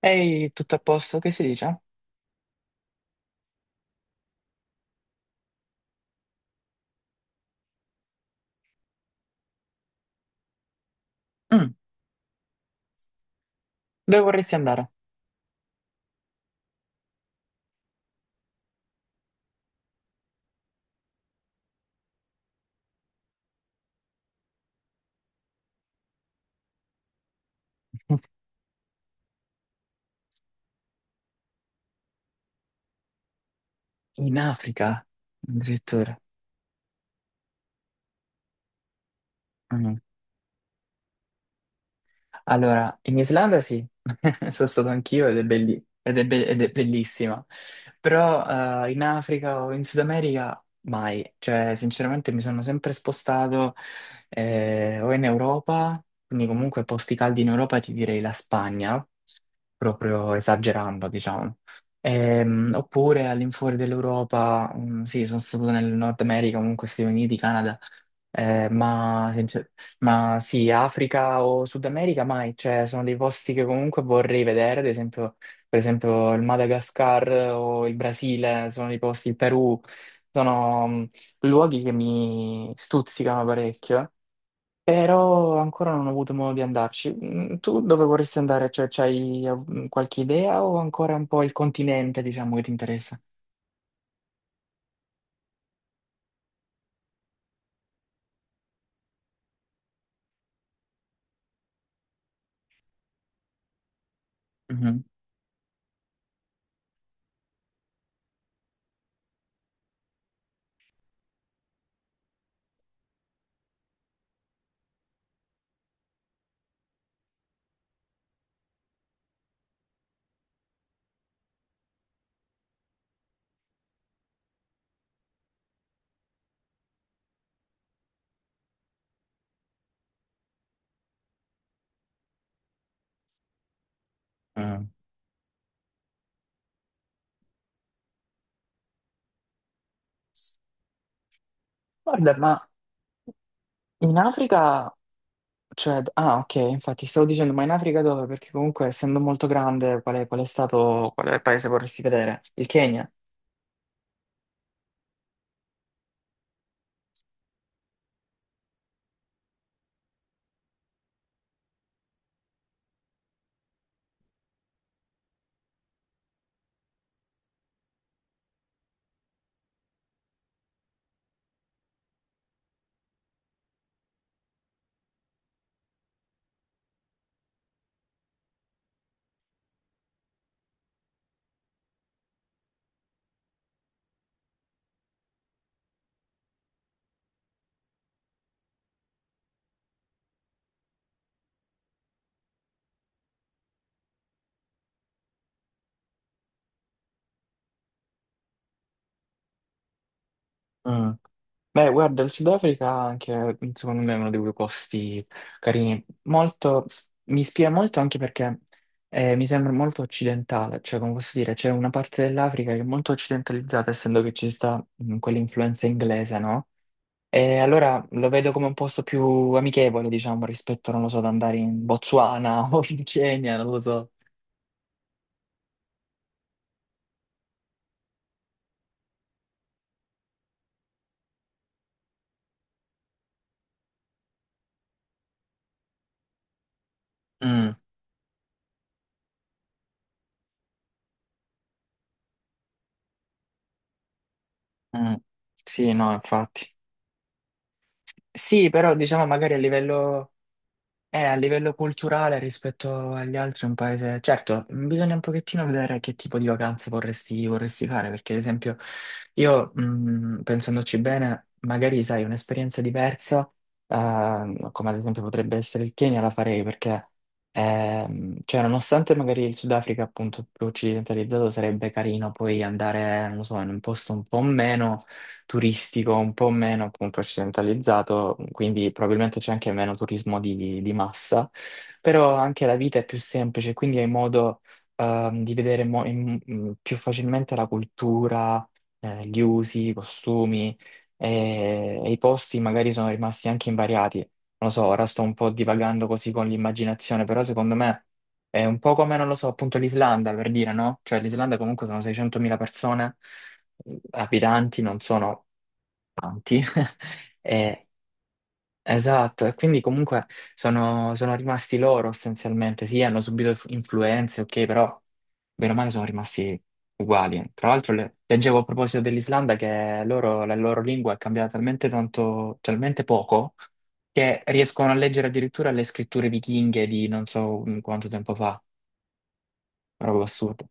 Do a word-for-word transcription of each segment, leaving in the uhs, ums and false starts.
Ehi, tutto a posto? Che si dice? Mm, dove vorresti andare? In Africa, addirittura. Allora, in Islanda sì, sono stato anch'io ed è, belli- ed è be- ed è bellissima, però eh, in Africa o in Sud America mai, cioè sinceramente mi sono sempre spostato eh, o in Europa, quindi comunque posti caldi in Europa ti direi la Spagna, proprio esagerando diciamo. Ehm, oppure all'infuori dell'Europa, mm, sì, sono stato nel Nord America, comunque Stati Uniti, Canada, eh, ma, sincer- ma sì, Africa o Sud America mai, cioè sono dei posti che comunque vorrei vedere, ad esempio, per esempio il Madagascar o il Brasile, sono dei posti, il Perù, sono mm, luoghi che mi stuzzicano parecchio, però ancora non ho avuto modo di andarci. Mm, tu dove vorresti andare? Cioè, c'hai eh, qualche idea o ancora un po' il continente, diciamo, che ti interessa? Mhm. Mm. Guarda, ma in Africa... Cioè, ah, ok, infatti stavo dicendo, ma in Africa dove? Perché comunque, essendo molto grande, qual è, qual è stato, qual è il paese che vorresti vedere? Il Kenya? Mm. Beh, guarda, il Sudafrica anche, secondo me, è uno dei due posti carini. Molto, mi ispira molto anche perché eh, mi sembra molto occidentale, cioè, come posso dire, c'è una parte dell'Africa che è molto occidentalizzata, essendo che ci sta mm, quell'influenza inglese, no? E allora lo vedo come un posto più amichevole, diciamo, rispetto, non lo so, ad andare in Botswana o in Kenya, non lo so. Mm, mm. Sì, no, infatti. Sì, però diciamo magari a livello, Eh, a livello culturale rispetto agli altri è un paese... Certo, mm, bisogna un pochettino vedere che tipo di vacanze vorresti, vorresti fare, perché ad esempio io, mh, pensandoci bene, magari sai, un'esperienza diversa, ehm, come ad esempio potrebbe essere il Kenya, la farei perché, ehm, cioè, nonostante magari il Sudafrica appunto più occidentalizzato sarebbe carino poi andare, non lo so, in un posto un po' meno turistico, un po' meno appunto occidentalizzato, quindi probabilmente c'è anche meno turismo di, di massa, però anche la vita è più semplice, quindi hai modo ehm, di vedere mo- in- in- più facilmente la cultura, eh, gli usi, i costumi e, e i posti magari sono rimasti anche invariati. Non lo so, ora sto un po' divagando così con l'immaginazione, però secondo me... È un po' come, non lo so, appunto l'Islanda, per dire, no? Cioè l'Islanda comunque sono seicentomila persone, lapidanti non sono tanti. E- esatto, e quindi comunque sono, sono rimasti loro essenzialmente. Sì, hanno subito inf- influenze, ok, però bene o male sono rimasti uguali. Tra l'altro le- leggevo a proposito dell'Islanda che loro, la loro lingua è cambiata talmente tanto, talmente poco che riescono a leggere addirittura le scritture vichinghe di non so quanto tempo fa, una roba assurda.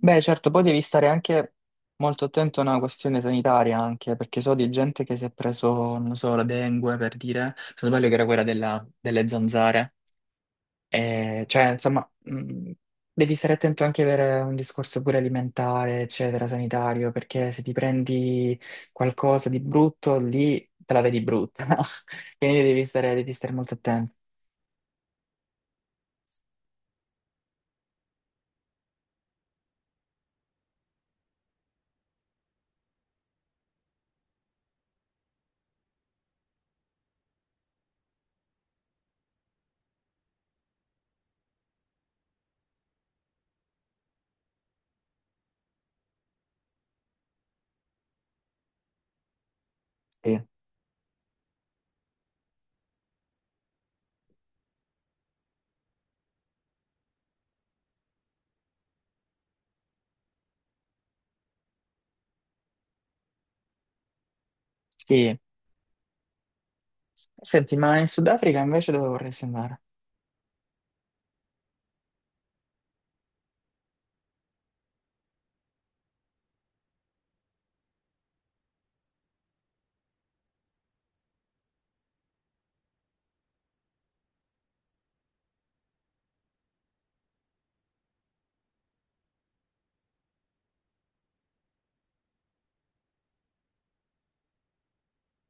Beh, certo, poi devi stare anche molto attento a una questione sanitaria, anche perché so di gente che si è preso, non so, la dengue per dire, se non sbaglio che era quella della- delle zanzare. E, cioè, insomma, mh, devi stare attento anche per un discorso pure alimentare, eccetera, sanitario, perché se ti prendi qualcosa di brutto, lì te la vedi brutta, no? Quindi devi stare, devi stare molto attento. Sì. Sì. Senti, ma in Sudafrica invece dove vorresti andare?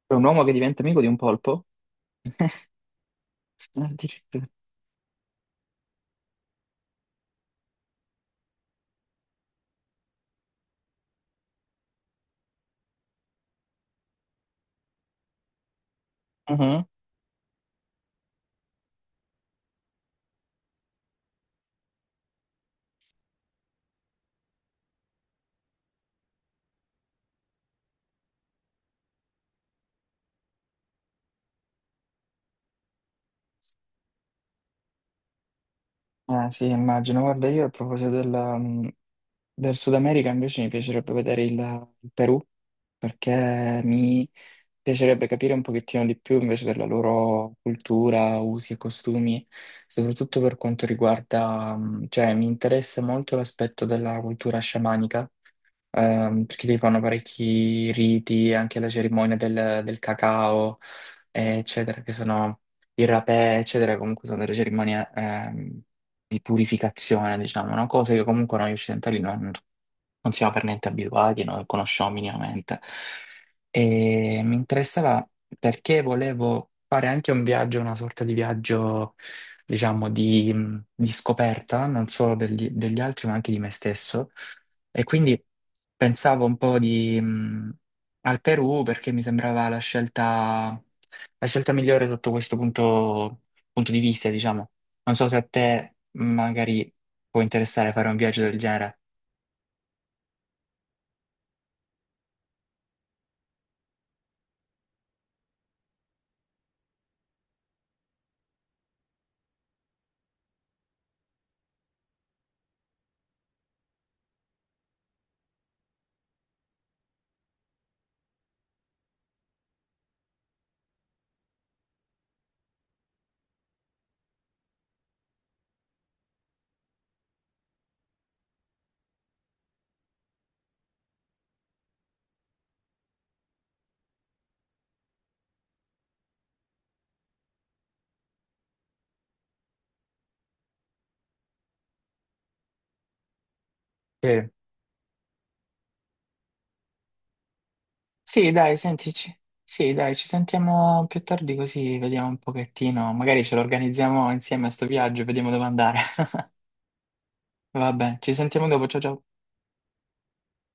C'è un uomo che diventa amico di un polpo? Addirittura. Mhm. Ah, sì, immagino. Guarda, io a proposito della, mh, del Sud America invece mi piacerebbe vedere il, il Perù perché mi piacerebbe capire un pochettino di più invece della loro cultura, usi e costumi, soprattutto per quanto riguarda, mh, cioè mi interessa molto l'aspetto della cultura sciamanica ehm, perché lì fanno parecchi riti, anche la cerimonia del, del cacao, eh, eccetera, che sono il rapè, eccetera, comunque sono delle cerimonie ehm, di purificazione, diciamo, no? Cose che comunque noi occidentali non non siamo per niente abituati, non lo conosciamo minimamente. E mi interessava perché volevo fare anche un viaggio, una sorta di viaggio, diciamo, di, di scoperta, non solo degli, degli altri, ma anche di me stesso. E quindi pensavo un po' di, mh, al Perù perché mi sembrava la scelta, la scelta migliore sotto questo punto, punto di vista, diciamo. Non so se a te magari può interessare fare un viaggio del genere. Sì. Sì, dai, sentici. Sì, dai, ci sentiamo più tardi così vediamo un pochettino. Magari ce lo organizziamo insieme a sto viaggio, vediamo dove andare. Va bene, ci sentiamo dopo. Ciao ciao.